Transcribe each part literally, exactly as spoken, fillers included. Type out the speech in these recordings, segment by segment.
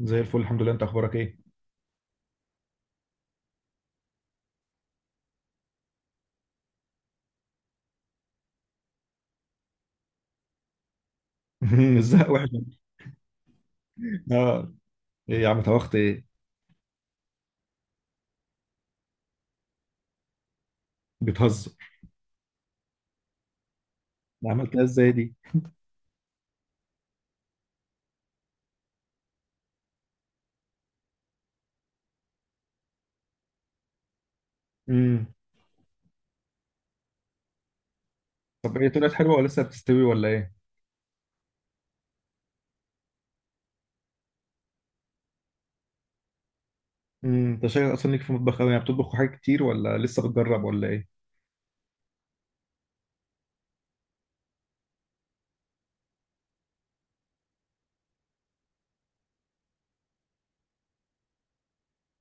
زي الفل الحمد لله، انت اخبارك ايه؟ ازاي وحش. اه. ايه يا عم طبخت ايه؟ بتهزر. عملتها ازاي دي؟ امم. طب ايه طلعت حلوه ولا لسه بتستوي ولا ايه؟ امم، انت شايف اصلا ليك في المطبخ قوي، يعني بتطبخ حاجات كتير ولا لسه بتجرب ولا ايه؟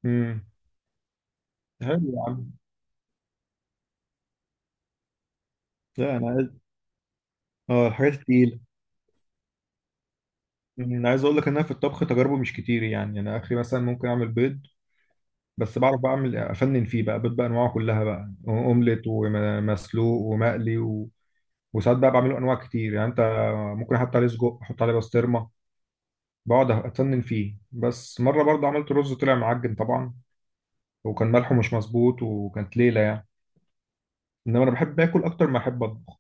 امم. حلو يا عم. لا انا عايز. اه الحاجات التقيله. أمم، انا عايز اقول لك ان انا في الطبخ تجاربه مش كتير، يعني انا اخري مثلا ممكن اعمل بيض، بس بعرف بعمل افنن فيه بقى، بيض بانواعه كلها بقى، اومليت ومسلوق ومقلي. وساعات بقى بعمله انواع كتير، يعني انت ممكن احط عليه سجق، احط عليه بسطرمه، بقعد اتنن فيه. بس مره برضه عملت رز طلع معجن طبعا، وكان ملحه مش مظبوط وكانت ليله يعني. انما انا بحب اكل اكتر ما احب اطبخ.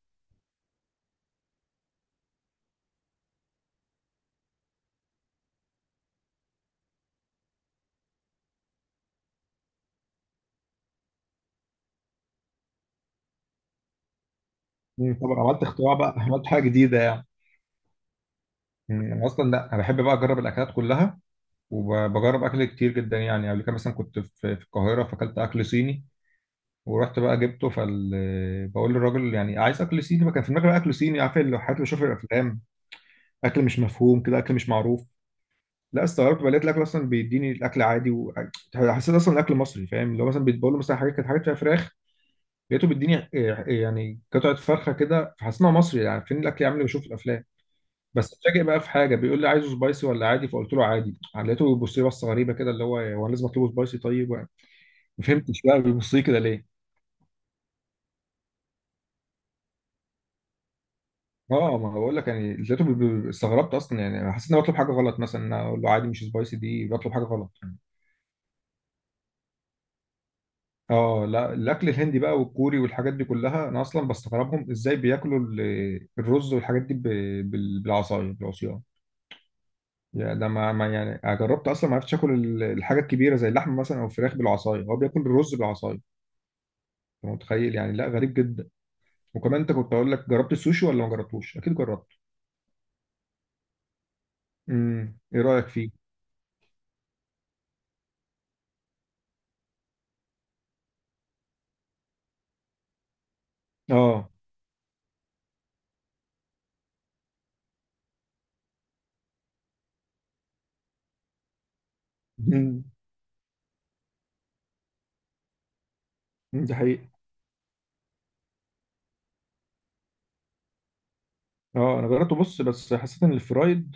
مم، طبعا عملت اختراع بقى، عملت حاجه جديده يعني. مم، انا اصلا، لا انا بحب بقى اجرب الاكلات كلها، وبجرب اكل كتير جدا. يعني قبل كده مثلا كنت في في القاهره، فاكلت اكل صيني ورحت بقى جبته فال، بقول للراجل يعني عايز اكل صيني بقى. كان في المغرب اكل صيني، عارف الحاجات اللي بشوفها في الافلام، اكل مش مفهوم كده، اكل مش معروف. لا استغربت بقى، لقيت الاكل اصلا بيديني الاكل عادي، و حسيت اصلا الاكل مصري، فاهم؟ اللي هو مثلا بيتبول، مثلا حاجات كانت حاجات فيها فراخ، لقيته بيديني، آه، آه، يعني قطعه فرخه كده، فحسيت إن هو مصري. يعني فين الاكل يا عم اللي بشوفه في الافلام؟ بس اتفاجئ بقى في حاجه، بيقول لي عايزه سبايسي ولا عادي؟ فقلت له عادي، يعني لقيته بيبص لي بصه غريبه كده، اللي هو، هو أنا لازم اطلبه سبايسي؟ طيب ما فهمتش بقى بيبص لي كده ليه. اه، ما هو بقول لك، يعني لقيته بي- بي- استغربت اصلا، يعني حسيت اني بطلب حاجه غلط، مثلا إن أنا اقول له عادي مش سبايسي، دي بطلب حاجه غلط. اه، لا الاكل الهندي بقى والكوري والحاجات دي كلها، انا اصلا بستغربهم ازاي بياكلوا ال- الرز والحاجات دي ب- بال- بالعصايه، بالعصيان. يعني ده ما ما- يعني أنا جربت اصلا، ما عرفتش اكل ال- الحاجه الكبيره زي اللحم مثلا او الفراخ بالعصايه. هو بياكل الرز بالعصايه، انت متخيل؟ يعني لا، غريب جدا. وكمان انت، كنت اقول لك، جربت السوشي ولا ما جربتوش؟ اكيد جربت. امم، ايه رايك فيه؟ اه. امم. دي حقيقة. اه انا جربته، بص، بس حسيت ان الفرايد،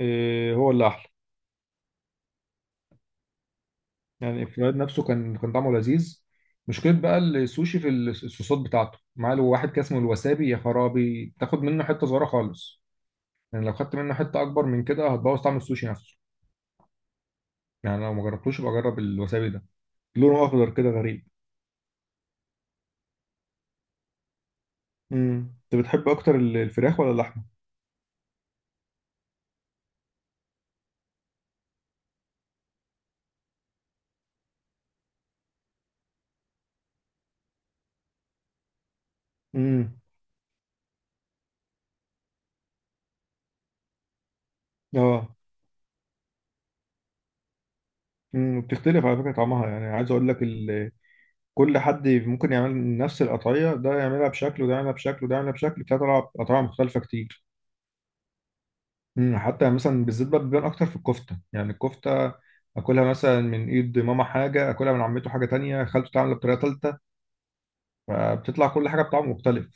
آه، هو اللي احلى. يعني الفرايد نفسه كان كان طعمه لذيذ. مشكلة بقى السوشي في الس- الصوصات بتاعته، معاه له واحد كده اسمه الوسابي، يا خرابي! تاخد منه حتة صغيرة خالص، يعني لو خدت منه حتة أكبر من كده هتبوظ طعم السوشي نفسه. يعني لو ما جربتوش يبقى جرب الوسابي ده، لونه أخضر كده غريب. امم، أنت بتحب أكتر ال- الفراخ ولا اللحمة؟ امم. اه. امم، بتختلف على فكرة طعمها، يعني عايز أقول لك ال، كل حد ممكن يعمل نفس القطعية، ده يعملها بشكل وده يعملها بشكل وده يعملها بشكل، بتطلع قطعية مختلفة كتير. مم، حتى مثلا بالذات بقى بيبان اكتر في الكفته. يعني الكفته اكلها مثلا من ايد ماما حاجه، اكلها من عمته حاجه تانية، خالته تعملها بطريقه تالتة، فبتطلع كل حاجه بطعم مختلف.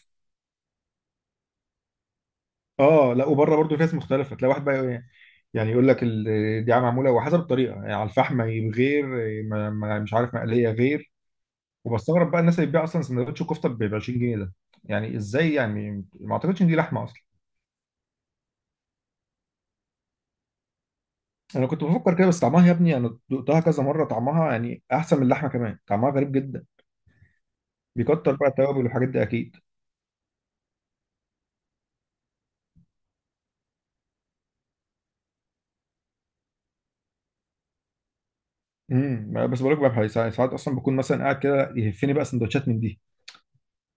اه لا، وبره برضو في ناس مختلفه، تلاقي واحد بقى يقول، إيه، يعني يقول لك ال- دي معموله وحسب الطريقه، يعني على الفحم، غير ما- ما- مش عارف مقليه، غير. وبستغرب بقى الناس اللي بتبيع اصلا سندوتش كفته ب عشرين جنيه ده، يعني ازاي؟ يعني ما اعتقدش ان دي لحمه اصلا. انا كنت بفكر كده بس، طعمها يا ابني انا دقتها كذا مره، طعمها يعني احسن من اللحمه كمان، طعمها غريب جدا. بيكتر بقى التوابل والحاجات دي اكيد. امم، بس بقول لك بقى، ساعات ساعات اصلا بكون مثلا قاعد كده يهفني بقى سندوتشات من دي،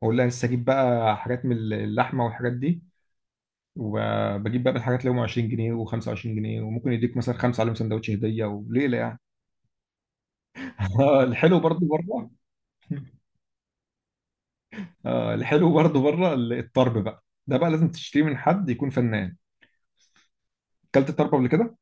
اقول لها لسه اجيب بقى حاجات من اللحمه والحاجات دي، وبجيب بقى من الحاجات اللي هم عشرين جنيه و25 جنيه، وممكن يديك مثلا خمسه عليهم سندوتش هديه وليله يعني. آه، الحلو برضو بره. آه، الحلو برضو بره. ال- الطرب بقى ده بقى لازم تشتريه من حد يكون فنان. اكلت الطرب قبل كده؟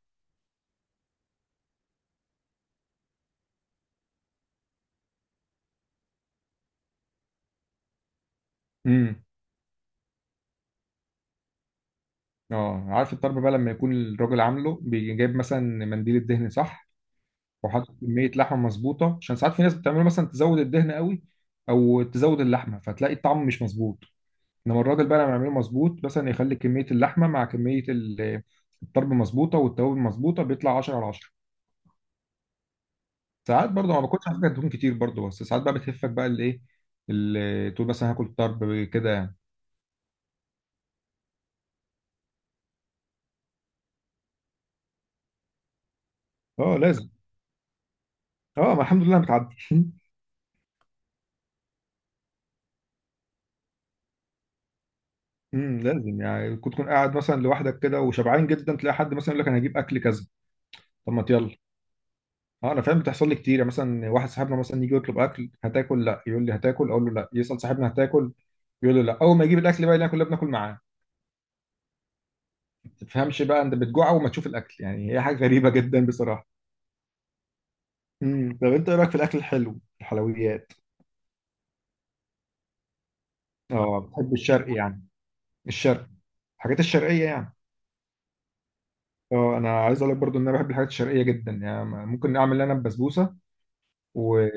امم. اه، عارف الطرب بقى لما يكون الراجل عامله، بيجيب مثلا منديل الدهن، صح؟ وحاطط كميه لحمه مظبوطه، عشان ساعات في ناس بتعمله مثلا تزود الدهن قوي او تزود اللحمه، فتلاقي الطعم مش مظبوط. انما الراجل بقى لما يعمله مظبوط، مثلا يخلي كميه اللحمه مع كميه ال- الطرب مظبوطه، والتوابل مظبوطه، بيطلع عشرة على عشرة. ساعات برضه ما باكلش على فكره دهون كتير برضه، بس ساعات بقى بتهفك بقى الايه، ال- تقول مثلا هاكل طرب كده يعني. اه لازم. اه، ما الحمد لله بتعدي. امم لازم. يعني كنت تكون قاعد مثلا لوحدك كده وشبعان جدا، تلاقي حد مثلا يقول لك انا هجيب اكل كذا، طب ما يلا. اه انا فاهم، بتحصل لي كتير. يعني مثلا واحد صاحبنا مثلا يجي يطلب اكل، هتاكل؟ لا. يقول لي هتاكل؟ اقول له لا. يسال صاحبنا هتاكل؟ يقول له لا. اول ما يجيب الاكل بقى اللي كلنا بناكل معاه، ما تفهمش بقى انت بتجوع وما تشوف الاكل. يعني هي حاجه غريبه جدا بصراحه. امم، طب انت ايه رايك في الاكل الحلو، الحلويات؟ اه بتحب الشرقي يعني. الشرق، الحاجات الشرقيه يعني. اه، انا عايز اقول لك برضو ان انا بحب الحاجات الشرقيه جدا، يعني ممكن اعمل انا بسبوسه، و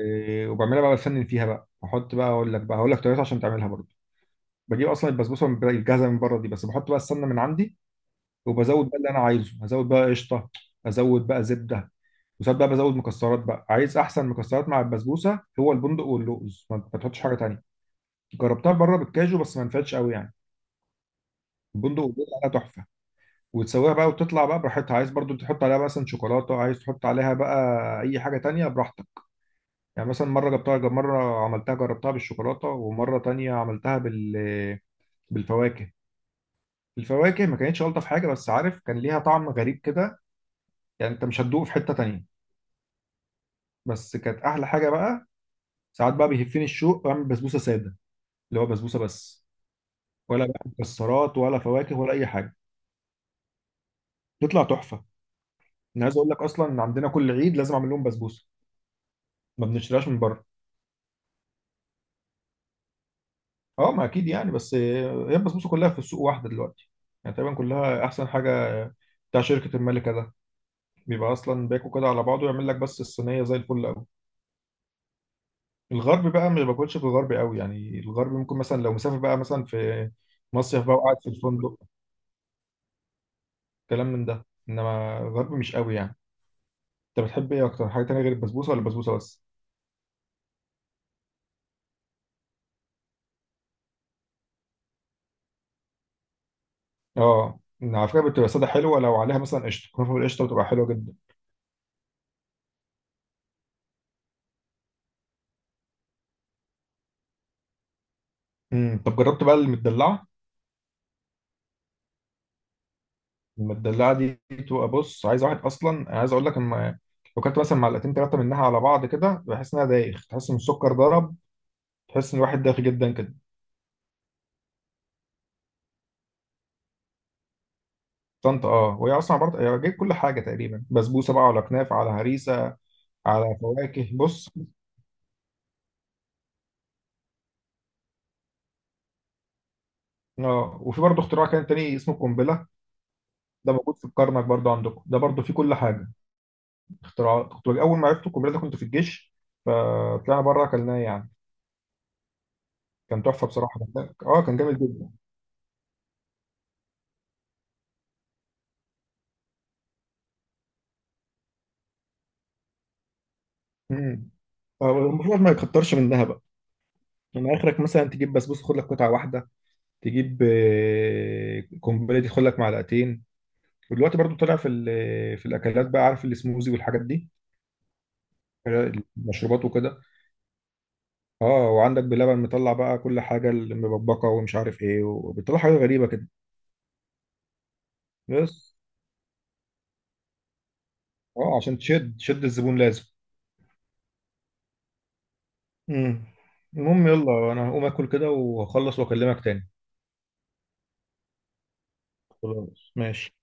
وبعملها بقى بفنن فيها بقى، احط بقى، اقول لك بقى، هقول لك طريقتها عشان تعملها برضو. بجيب اصلا البسبوسه من، الجاهزه من بره دي، بس بحط بقى السمنه من عندي، وبزود بقى اللي انا عايزه، هزود بقى قشطه، ازود بقى زبده. وساعات بقى بزود مكسرات بقى. عايز احسن مكسرات مع البسبوسه، هو البندق واللوز، ما ما تحطش حاجه تانيه. جربتها بره بالكاجو بس ما نفعتش قوي يعني. البندق واللوز عليها تحفه. وتسويها بقى وتطلع بقى براحتها، عايز برضو تحط عليها مثلا شوكولاته، عايز تحط عليها بقى اي حاجه تانيه براحتك. يعني مثلا مره جبتها، مره عملتها جربتها بالشوكولاته، ومره تانيه عملتها بال، بالفواكه. الفواكه ما كانتش الطف حاجه بس، عارف كان ليها طعم غريب كده، يعني انت مش هتدوقه في حته تانية، بس كانت احلى حاجه بقى. ساعات بقى بيهفني الشوق واعمل بسبوسه ساده، اللي هو بسبوسه بس، ولا بقى مكسرات ولا فواكه ولا اي حاجه. تطلع تحفه. انا عايز اقول لك اصلا ان عندنا كل عيد لازم اعمل لهم بسبوسه، ما بنشتريهاش من بره. اه ما اكيد يعني، بس هي البسبوسه كلها في السوق واحده دلوقتي، يعني تقريبا كلها احسن حاجه، بتاع شركه الملكه ده. بيبقى اصلا باكو كده على بعضه، يعمل لك بس الصينيه زي الفل. الغرب بقى ما باكلش في الغرب قوي يعني، الغرب ممكن مثلا لو مسافر بقى مثلا في مصيف بقى وقاعد في الفندق، كلام من ده، انما الغرب مش قوي يعني. انت بتحب ايه اكتر حاجه تانية غير البسبوسه، ولا البسبوسه بس؟ اه على فكره، بتبقى ساده حلوه لو عليها مثلا قشطه، كنافه بالقشطه بتبقى حلوه جدا. امم، طب جربت بقى المدلعه؟ المدلعه دي بتبقى، بص، عايز واحد اصلا، عايز اقول لك، اما لو كنت مثلا معلقتين ثلاثه منها على بعض كده، بحس انها دايخ، تحس ان السكر ضرب، تحس ان الواحد دايخ جدا كده. طنطا اه، وهي اصلا عباره، هي جايب كل حاجه تقريبا، بسبوسه بقى، على كنافه، على هريسه، على فواكه، بص. اه، وفي برضه اختراع كان تاني اسمه القنبله، ده موجود في الكرنك برضه عندكم، ده برضه فيه كل حاجه. اختراعات. كنت بج- اول ما عرفت القنبله ده كنت في الجيش، فطلعنا بره اكلناه يعني، كان تحفه بصراحه. اه كان جامد جدا. امم، المفروض ما يكترش منها بقى، من اخرك مثلا تجيب بسبوسه خد لك قطعه واحده، تجيب آه، قنبله دي خد لك معلقتين. ودلوقتي برضو طلع في ال- في الاكلات بقى، عارف السموزي والحاجات دي، المشروبات وكده. اه، وعندك بلبن مطلع بقى كل حاجه، المبكبكه ومش عارف ايه، وبيطلع حاجه غريبه كده بس. اه عشان تشد تشد الزبون لازم. امم، المهم يلا انا هقوم اكل كده وهخلص واكلمك تاني. خلاص ماشي.